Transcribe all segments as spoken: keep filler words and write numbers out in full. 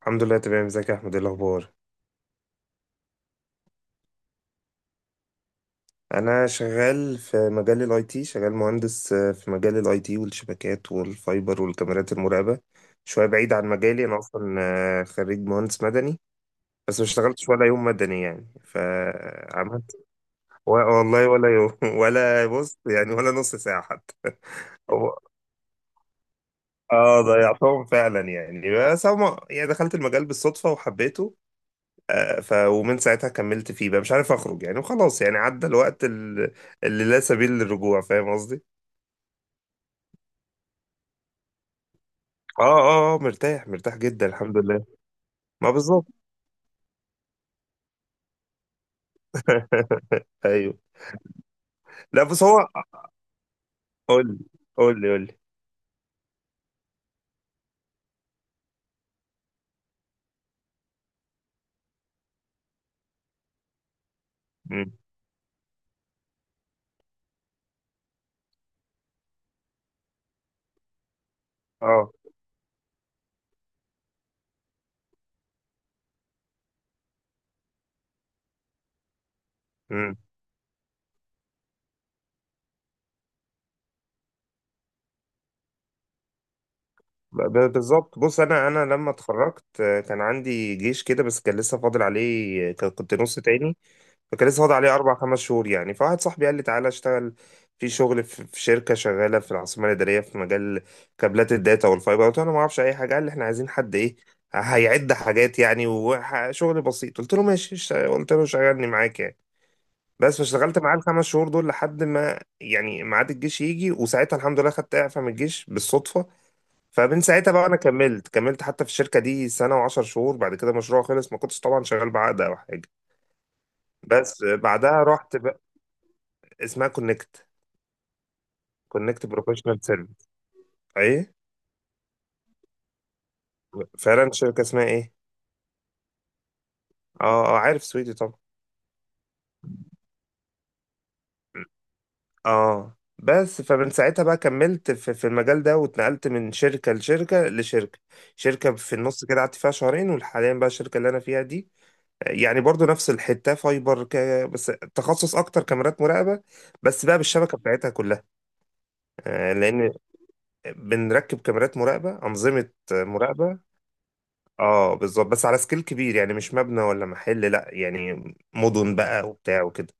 الحمد لله تمام. ازيك يا احمد؟ ايه الاخبار؟ انا شغال في مجال الاي تي، شغال مهندس آه، في مجال الاي تي والشبكات والفايبر والكاميرات المراقبه. شويه بعيد عن مجالي انا اصلا. آه، خريج مهندس مدني. بس ما اشتغلتش ولا يوم مدني يعني فعملت. و- والله ولا يوم ولا بص يعني ولا نص ساعه حتى. هو- اه ضيعتهم فعلا يعني، بس هما يعني دخلت المجال بالصدفه وحبيته. آه، ف ومن ساعتها كملت فيه، بقى مش عارف اخرج يعني، وخلاص يعني عدى الوقت ال- اللي لا سبيل للرجوع. فاهم قصدي؟ اه اه اه، مرتاح مرتاح جدا الحمد لله. ما بالظبط. ايوه. لا بس هو. قول لي قول لي قول لي. مم. اه. مم. ب- ب- بالظبط. بص انا انا لما اتخرجت آه، كان عندي جيش كده، بس كان لسه فاضل عليه، آه، كان- كنت نص تاني. فكان لسه فاضل عليه أربع خمس شهور يعني، فواحد صاحبي قال لي تعالى اشتغل في شغل في في شركة شغالة في العاصمة الإدارية في مجال كابلات الداتا والفايبر. قلت له أنا ما أعرفش أي حاجة. قال لي إحنا عايزين حد إيه، هيعد حاجات يعني وشغل بسيط. قلت له ماشي اشت- قلت له شغلني معاك يعني. بس فاشتغلت معاه الخمس شهور دول لحد ما يعني ميعاد الجيش يجي، وساعتها الحمد لله خدت إعفاء من الجيش بالصدفة. فمن ساعتها بقى أنا كملت كملت حتى في الشركة دي سنة وعشر شهور. بعد كده المشروع خلص، ما كنتش طبعا شغال بعقد أو حاجة. بس بعدها رحت. اسمها كونكت. كونكت بروفيشنال سيرفيس. ايه. فعلا، شركه اسمها ايه؟ اه اه عارف سويدي طبعا. اه بس فمن ساعتها بقى كملت في في المجال ده، واتنقلت من شركة لشركة لشركة. شركة في النص كده قعدت فيها شهرين، وحاليا بقى الشركة اللي أنا فيها دي يعني برضو نفس الحتة، فايبر ك... بس تخصص أكتر كاميرات مراقبة. بس بقى بالشبكة بتاعتها كلها. آه، لأن بنركب كاميرات مراقبة، أنظمة مراقبة. اه بالظبط، بس على سكيل كبير يعني، مش مبنى ولا محل لا يعني، مدن بقى وبتاع وكده.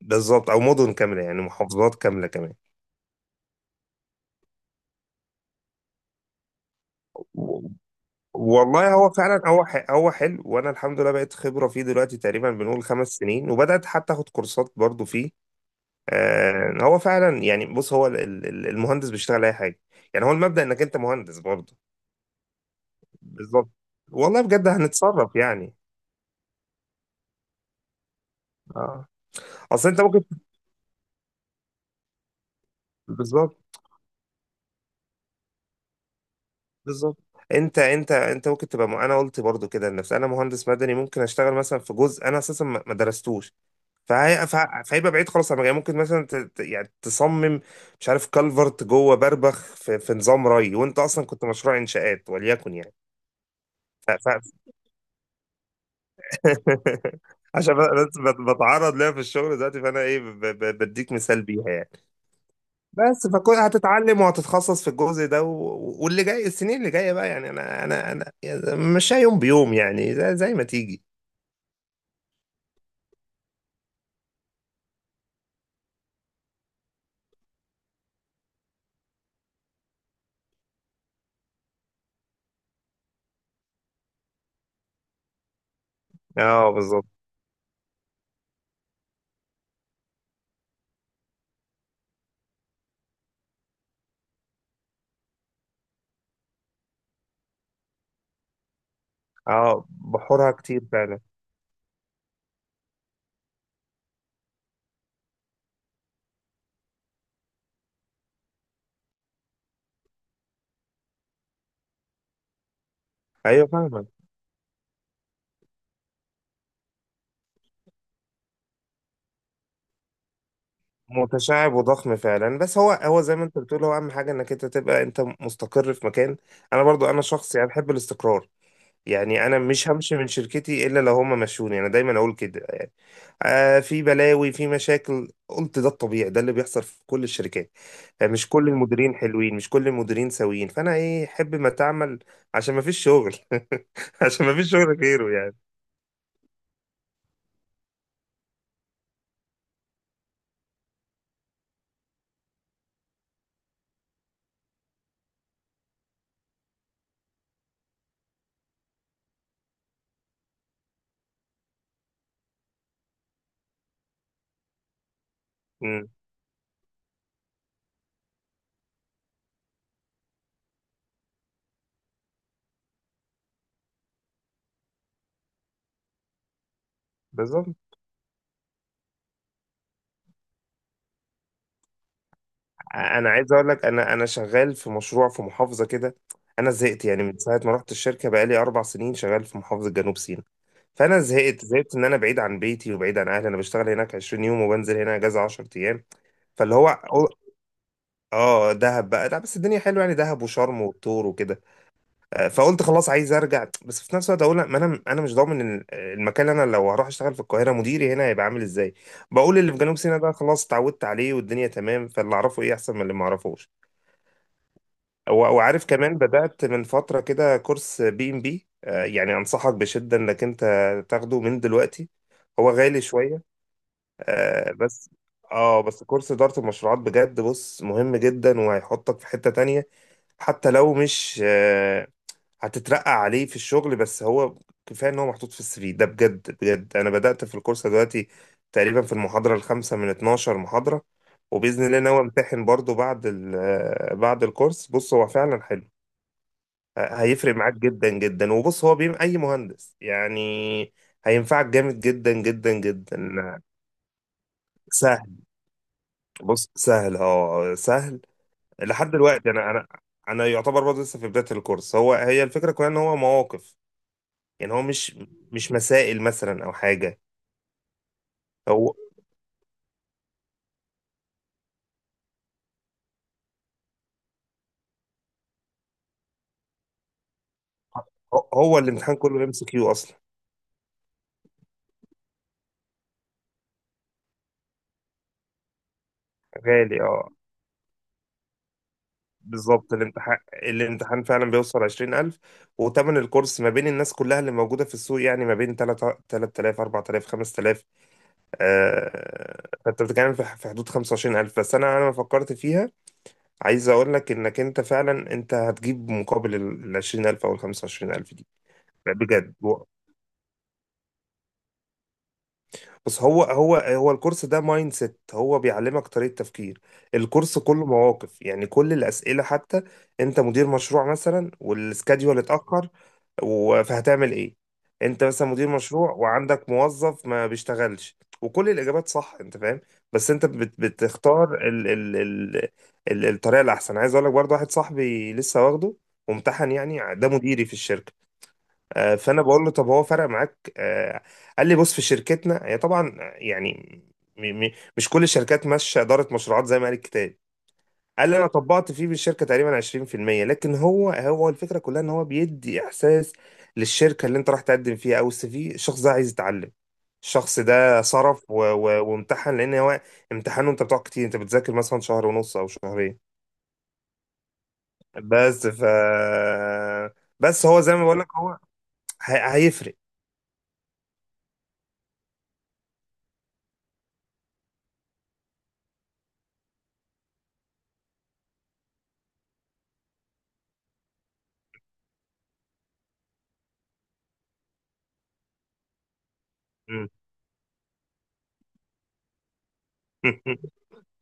بالظبط، او مدن كامله يعني، محافظات كامله كمان. و- والله هو فعلا هو ح- هو حلو، وانا الحمد لله بقيت خبره فيه دلوقتي، تقريبا بنقول خمس سنين، وبدات حتى اخد كورسات برضو فيه. آه هو فعلا يعني بص هو ال- ال- المهندس بيشتغل اي حاجه يعني، هو المبدا انك انت مهندس برضو. بالظبط. والله بجد هنتصرف يعني. اه اصل انت ممكن. بالظبط بالظبط. انت انت انت ممكن تبقى م... انا قلت برضو كده لنفسي، انا مهندس مدني ممكن اشتغل مثلا في جزء انا اساسا ما ما درستوش، فهي... فه- فهيبقى بعيد خالص عن مجالي. ممكن مثلا ت... ت- يعني تصمم مش عارف كالفرت جوه بربخ في... في نظام ري، وانت اصلا كنت مشروع انشاءات وليكن يعني. ف... ف... عشان ب- بس بت- بتعرض ليها في الشغل دلوقتي، فانا ايه، ب... ب... بديك مثال بيها يعني. بس فكل هتتعلم وهتتخصص في الجزء ده و... واللي جاي السنين اللي جايه بقى يعني انا انا انا يعني، مش يوم بيوم يعني، زي, زي ما تيجي. اه بالظبط. اه بحورها كتير فعلا. ايوه فاهمك. متشعب وضخم فعلا، بس هو هو زي ما انت بتقول، هو اهم حاجه انك انت تبقى انت مستقر في مكان. انا برضو انا شخص يعني بحب الاستقرار. يعني انا مش همشي من شركتي الا لو هما مشوني، انا دايما اقول كده يعني. آه في بلاوي في مشاكل، قلت ده الطبيعي، ده اللي بيحصل في كل الشركات. آه مش كل المديرين حلوين، مش كل المديرين سويين، فانا ايه احب ما تعمل عشان ما فيش شغل عشان ما فيش شغل غيره يعني. مم. بالظبط. انا عايز اقول لك انا انا شغال في مشروع في محافظه كده. انا زهقت يعني من ساعه ما رحت الشركه بقالي اربع سنين شغال في محافظه جنوب سيناء. فانا زهقت زهقت ان انا بعيد عن بيتي وبعيد عن اهلي، انا بشتغل هناك 20 يوم وبنزل هنا اجازه 10 ايام. فاللي هو اه، دهب بقى، لا بس الدنيا حلوه يعني، دهب وشرم والطور وكده. آه، فقلت خلاص عايز ارجع، بس في نفس الوقت اقول لا، ما انا انا مش ضامن ال- المكان اللي انا لو هروح اشتغل في القاهره، مديري هنا هيبقى عامل ازاي. بقول اللي في جنوب سيناء ده خلاص اتعودت عليه والدنيا تمام، فاللي اعرفه ايه احسن من اللي ما اعرفوش. و- وعارف كمان بدأت من فترة كده كورس بي ام بي، يعني أنصحك بشدة إنك أنت تاخده من دلوقتي. هو غالي شوية. آه، بس اه، بس كورس إدارة المشروعات بجد بص مهم جدا، وهيحطك في حتة تانية. حتى لو مش آه، هتترقى عليه في الشغل، بس هو كفاية إن هو محطوط في السي في ده. بجد بجد أنا بدأت في الكورس دلوقتي، تقريبا في المحاضرة الخامسة من 12 محاضرة، وبإذن الله ناوي أمتحن برضو بعد ال- آه، بعد الكورس. بص هو فعلا حلو، هيفرق معاك جدا جدا، وبص هو بيم اي مهندس يعني، هينفعك جامد جدا جدا جدا. سهل. بص سهل، اه سهل. لحد دلوقتي انا انا انا يعتبر برضه لسه في بداية الكورس. هو هي الفكرة كلها ان هو مواقف يعني، هو مش مش مسائل مثلا او حاجة. هو هو الامتحان كله ام سي كيو اصلا. غالي اه. بالظبط، الامتحان الامتحان فعلا بيوصل عشرين الف، وتمن الكورس ما بين الناس كلها اللي موجودة في السوق يعني ما بين تلاتة تلات تلاف اربعة آلاف خمس تلاف. آه، فانت بتتكلم في في حدود خمسة وعشرين الف. بس انا انا لما فكرت فيها، عايز اقول لك انك انت فعلا انت هتجيب مقابل ال عشرين الف او ال خمسة وعشرين الف دي. بجد و- بس هو هو هو الكورس ده مايند سيت، هو بيعلمك طريقة تفكير. الكورس كله مواقف يعني، كل الأسئلة حتى. انت مدير مشروع مثلا والسكاديول اتأخر و- فهتعمل ايه؟ انت مثلا مدير مشروع وعندك موظف ما بيشتغلش، وكل الاجابات صح، انت فاهم. بس انت بت بتختار ال ال ال ال الطريقه الاحسن. عايز اقول لك برضه واحد صاحبي لسه واخده وامتحن يعني، ده مديري في الشركه. آه، فانا بقول له طب هو فرق معاك آه، قال لي بص في شركتنا هي طبعا يعني م- م- مش كل الشركات ماشيه اداره مشروعات زي ما قال الكتاب. قال لي انا طبقت فيه بالشركه تقريبا عشرين في المية، لكن هو هو الفكره كلها ان هو بيدي احساس للشركه اللي انت راح تقدم فيها، او السي في الشخص ده عايز يتعلم، الشخص ده صرف و... و... وامتحن لان هو، امتحانه انت بتقعد كتير، انت بتذاكر مثلا شهر ونص او شهرين. بس ف بس هو زي ما بقول لك، هو ه... هيفرق.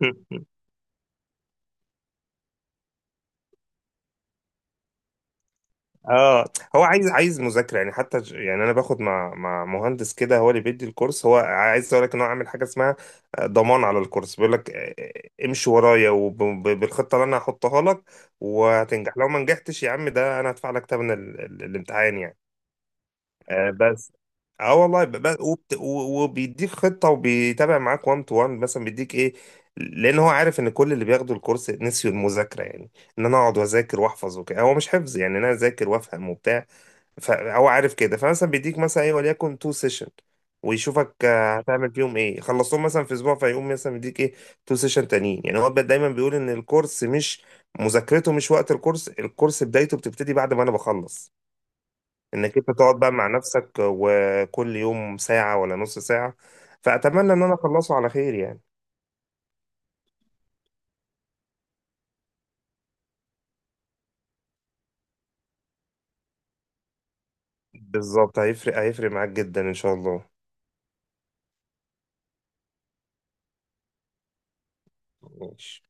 اه هو عايز عايز مذاكره يعني. حتى ج- يعني انا باخد مع مع مهندس كده هو اللي بيدي الكورس. هو عايز اقول لك ان هو عامل حاجه اسمها آه، ضمان على الكورس، بيقول لك آه، آه، امشي ورايا وبالخطه اللي انا هحطها لك، وهتنجح. لو ما نجحتش يا عم ده انا هدفع لك ثمن ال- ال- الامتحان يعني. آه، بس اه والله ب- ب- وبت... و- وبيديك خطه، وبيتابع معاك وان تو وان مثلا، بيديك ايه، لان هو عارف ان كل اللي بياخدوا الكورس نسيوا المذاكره يعني، ان انا اقعد واذاكر واحفظ وكده. هو مش حفظ يعني، إن انا اذاكر وافهم وبتاع. فهو عارف كده، فمثلا بيديك مثلا ايه وليكن تو سيشن، ويشوفك آه، هتعمل فيهم ايه، خلصتهم مثلا في اسبوع، فيقوم مثلا بيديك ايه تو سيشن تانيين. يعني هو دايما بيقول ان الكورس مش مذاكرته مش وقت الكورس، الكورس بدايته بتبتدي بعد ما انا بخلص، انك انت تقعد بقى مع نفسك وكل يوم ساعة ولا نص ساعة. فأتمنى ان انا اخلصه على خير يعني. بالظبط، هيفرق هيفرق معاك جدا ان شاء الله. ماشي